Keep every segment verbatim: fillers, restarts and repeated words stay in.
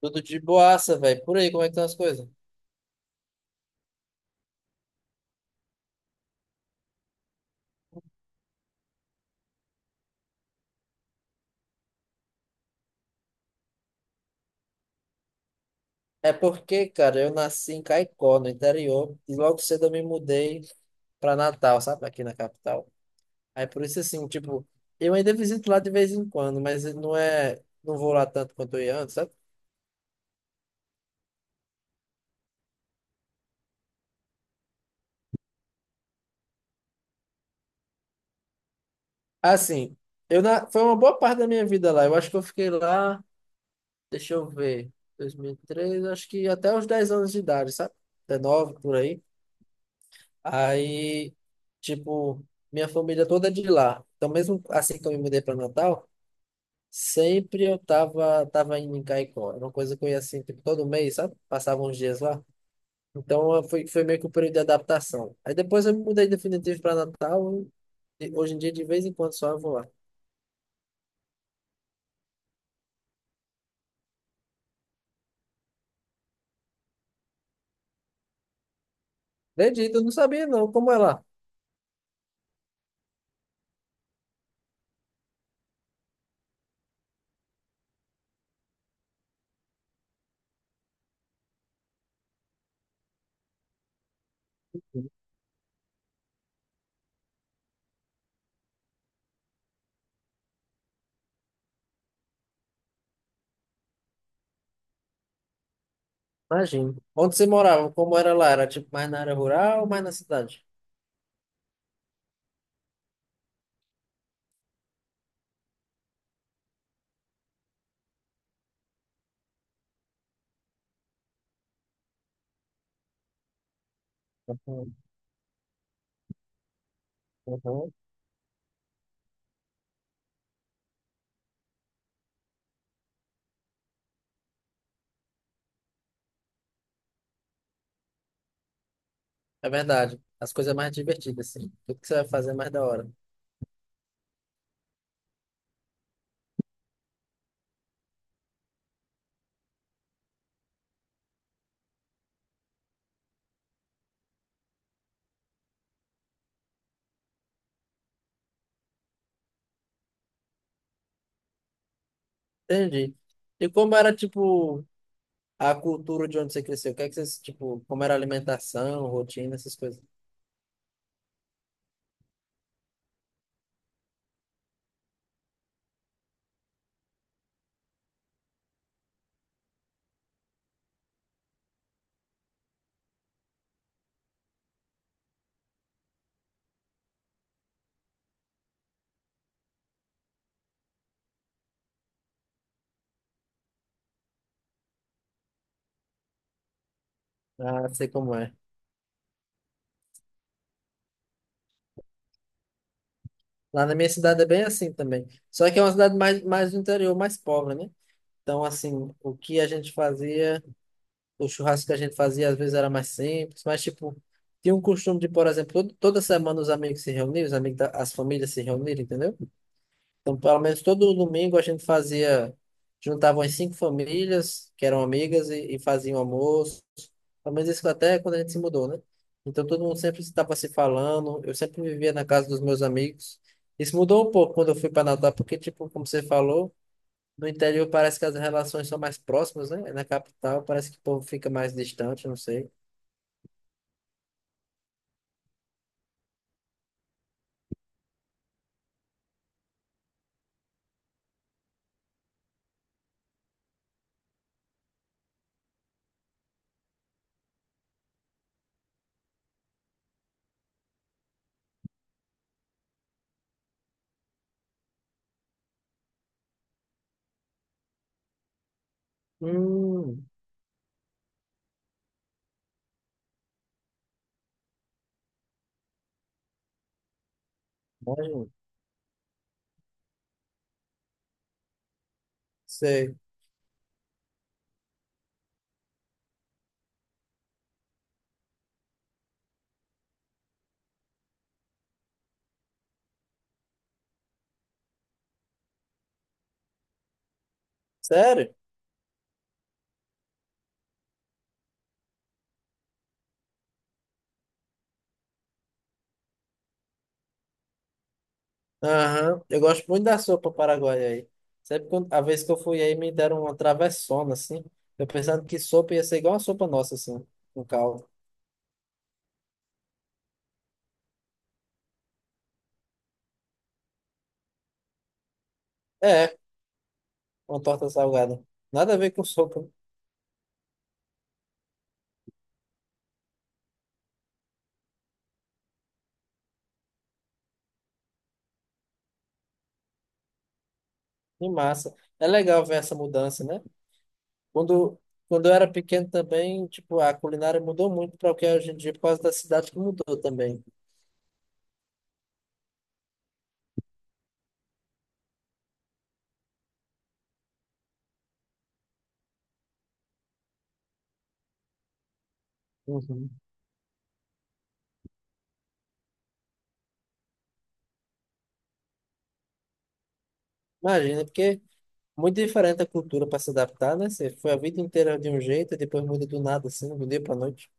Tudo de boaça, velho. Por aí, como é que estão as coisas? É porque, cara, eu nasci em Caicó, no interior, e logo cedo eu me mudei pra Natal, sabe? Aqui na capital. Aí por isso, assim, tipo, eu ainda visito lá de vez em quando, mas não é. Não vou lá tanto quanto eu ia antes, sabe? Assim, eu na... foi uma boa parte da minha vida lá. Eu acho que eu fiquei lá, deixa eu ver, dois mil e três, acho que até os dez anos de idade, sabe? dezenove por aí. Aí, tipo, minha família toda é de lá. Então, mesmo assim que eu me mudei para Natal, sempre eu tava, tava indo em Caicó. Era uma coisa que eu ia assim, tipo, todo mês, sabe? Passava uns dias lá. Então, eh, foi, foi meio que um período de adaptação. Aí depois eu me mudei definitivo para Natal. E hoje em dia, de vez em quando, só eu vou lá. Acredito, eu não sabia não como é lá. Imagino. Onde você morava? Como era lá? Era tipo mais na área rural ou mais na cidade? Uhum, uhum. É verdade. As coisas mais divertidas, assim. Tudo que você vai fazer é mais da hora. Entendi. E como era, tipo, a cultura de onde você cresceu? O que é que vocês, tipo, como era a alimentação, rotina, essas coisas? Ah, sei como é. Lá na minha cidade é bem assim também. Só que é uma cidade mais, mais do interior, mais pobre, né? Então, assim, o que a gente fazia, o churrasco que a gente fazia, às vezes era mais simples, mas, tipo, tinha um costume de, por exemplo, todo- toda semana os amigos se reunirem, os amigos da, as famílias se reunirem, entendeu? Então, pelo menos todo domingo a gente fazia, juntava umas cinco famílias que eram amigas e, e faziam almoço. Pelo menos isso até quando a gente se mudou, né? Então todo mundo sempre estava se falando. Eu sempre vivia na casa dos meus amigos. Isso mudou um pouco quando eu fui para Natal, porque, tipo, como você falou, no interior parece que as relações são mais próximas, né? É. Na capital parece que o povo fica mais distante, não sei. Hum, imagina. Sei. Sério? Aham, eu gosto muito da sopa paraguaia aí. Sempre quando, a vez que eu fui aí, me deram uma travessona, assim. Eu pensando que sopa ia ser igual a sopa nossa, assim, com caldo. É, uma torta salgada. Nada a ver com sopa, e massa. É legal ver essa mudança, né? Quando, quando eu era pequeno também, tipo, a culinária mudou muito para o que é hoje em dia, por causa da cidade que mudou também. Uhum. Imagina, porque muito diferente a cultura para se adaptar, né? Você foi a vida inteira de um jeito e depois muda do nada, assim, do dia para noite.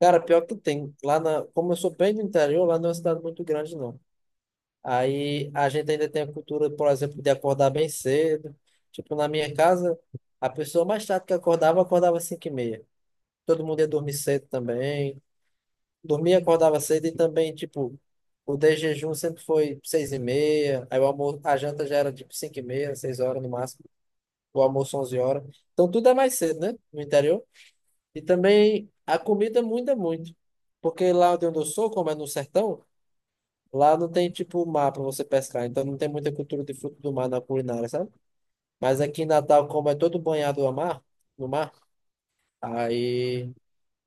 Cara, pior que tem. Lá na, como eu sou bem do interior, lá não é uma cidade muito grande, não. Aí a gente ainda tem a cultura, por exemplo, de acordar bem cedo. Tipo, na minha casa, a pessoa mais tarde que acordava, acordava às cinco e meia. Todo mundo ia dormir cedo também. Dormia, acordava cedo e também, tipo, o de jejum sempre foi seis e meia. Aí o almoço, a janta já era tipo cinco e meia, seis horas no máximo. O almoço onze horas. Então tudo é mais cedo, né? No interior. E também a comida muda muito. Porque lá onde eu sou, como é no sertão, lá não tem tipo mar para você pescar. Então não tem muita cultura de fruto do mar na culinária, sabe? Mas aqui em Natal, como é todo banhado a mar, no mar, aí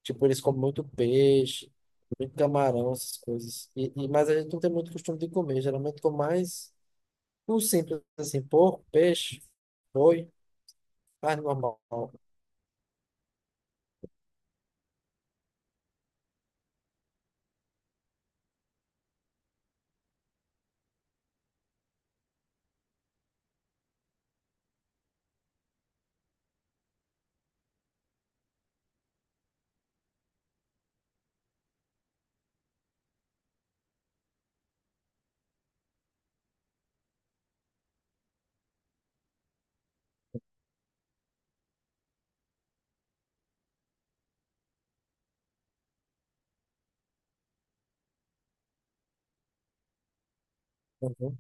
tipo eles comem muito peixe, muito camarão, essas coisas. E, e- mas a gente não tem muito costume de comer. Geralmente com mais o simples, assim, porco, peixe, boi, carne normal. Uhum.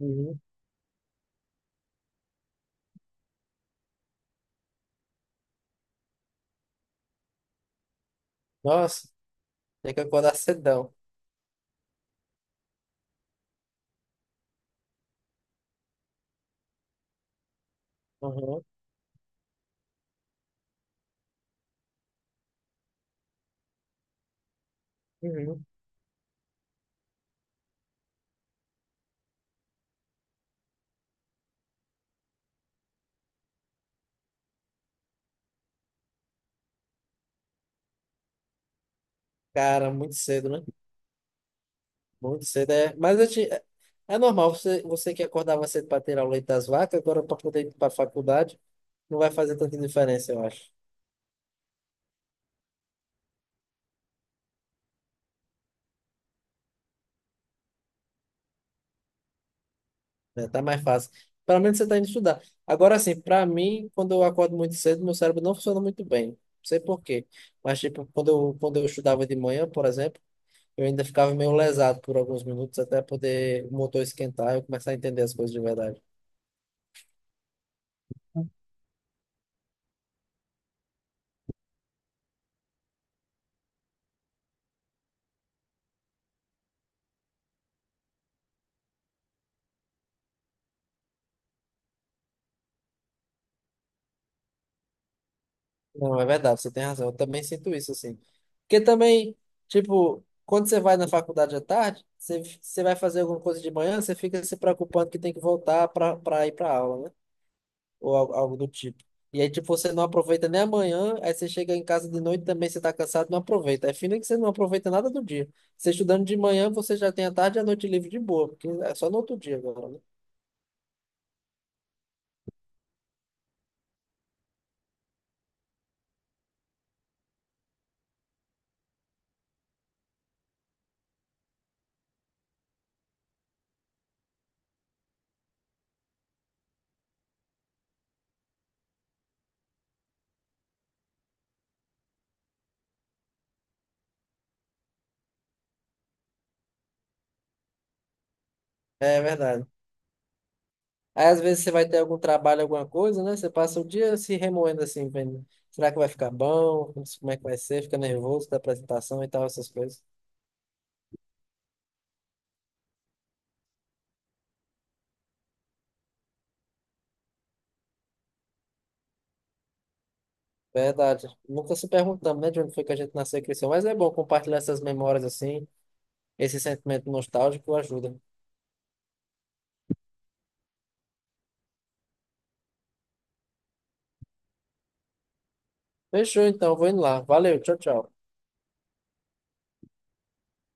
Uhum. Nossa, tem que acordar cedão. Uhum, uhum. Cara, muito cedo, né? Muito cedo é. Mas eu te... é é normal, você, você que acordava cedo para ter o leite das vacas, agora para poder ir para a faculdade, não vai fazer tanta diferença, eu acho. Né? Tá mais fácil. Pelo menos você está indo estudar. Agora, assim, para mim, quando eu acordo muito cedo, meu cérebro não funciona muito bem. Não sei por quê. Mas, tipo, quando eu, quando eu estudava de manhã, por exemplo, eu ainda ficava meio lesado por alguns minutos até poder o motor esquentar e eu começar a entender as coisas de verdade. Não, é verdade, você tem razão. Eu também sinto isso, assim. Porque também, tipo, quando você vai na faculdade à tarde, você, você vai fazer alguma coisa de manhã, você fica se preocupando que tem que voltar pra pra ir pra aula, né? Ou algo, algo do tipo. E aí, tipo, você não aproveita nem amanhã, aí você chega em casa de noite também, você tá cansado, não aproveita. É fino que você não aproveita nada do dia. Você estudando de manhã, você já tem a tarde e a noite livre de boa, porque é só no outro dia agora, né? É verdade. Aí às vezes você vai ter algum trabalho, alguma coisa, né? Você passa o dia se remoendo assim, vendo. Será que vai ficar bom? Como é que vai ser? Fica nervoso da apresentação e tal, essas coisas. Verdade. Nunca se perguntamos, né, de onde foi que a gente nasceu e cresceu. Mas é bom compartilhar essas memórias assim, esse sentimento nostálgico ajuda. Fechou então, vou indo lá. Valeu, tchau, tchau.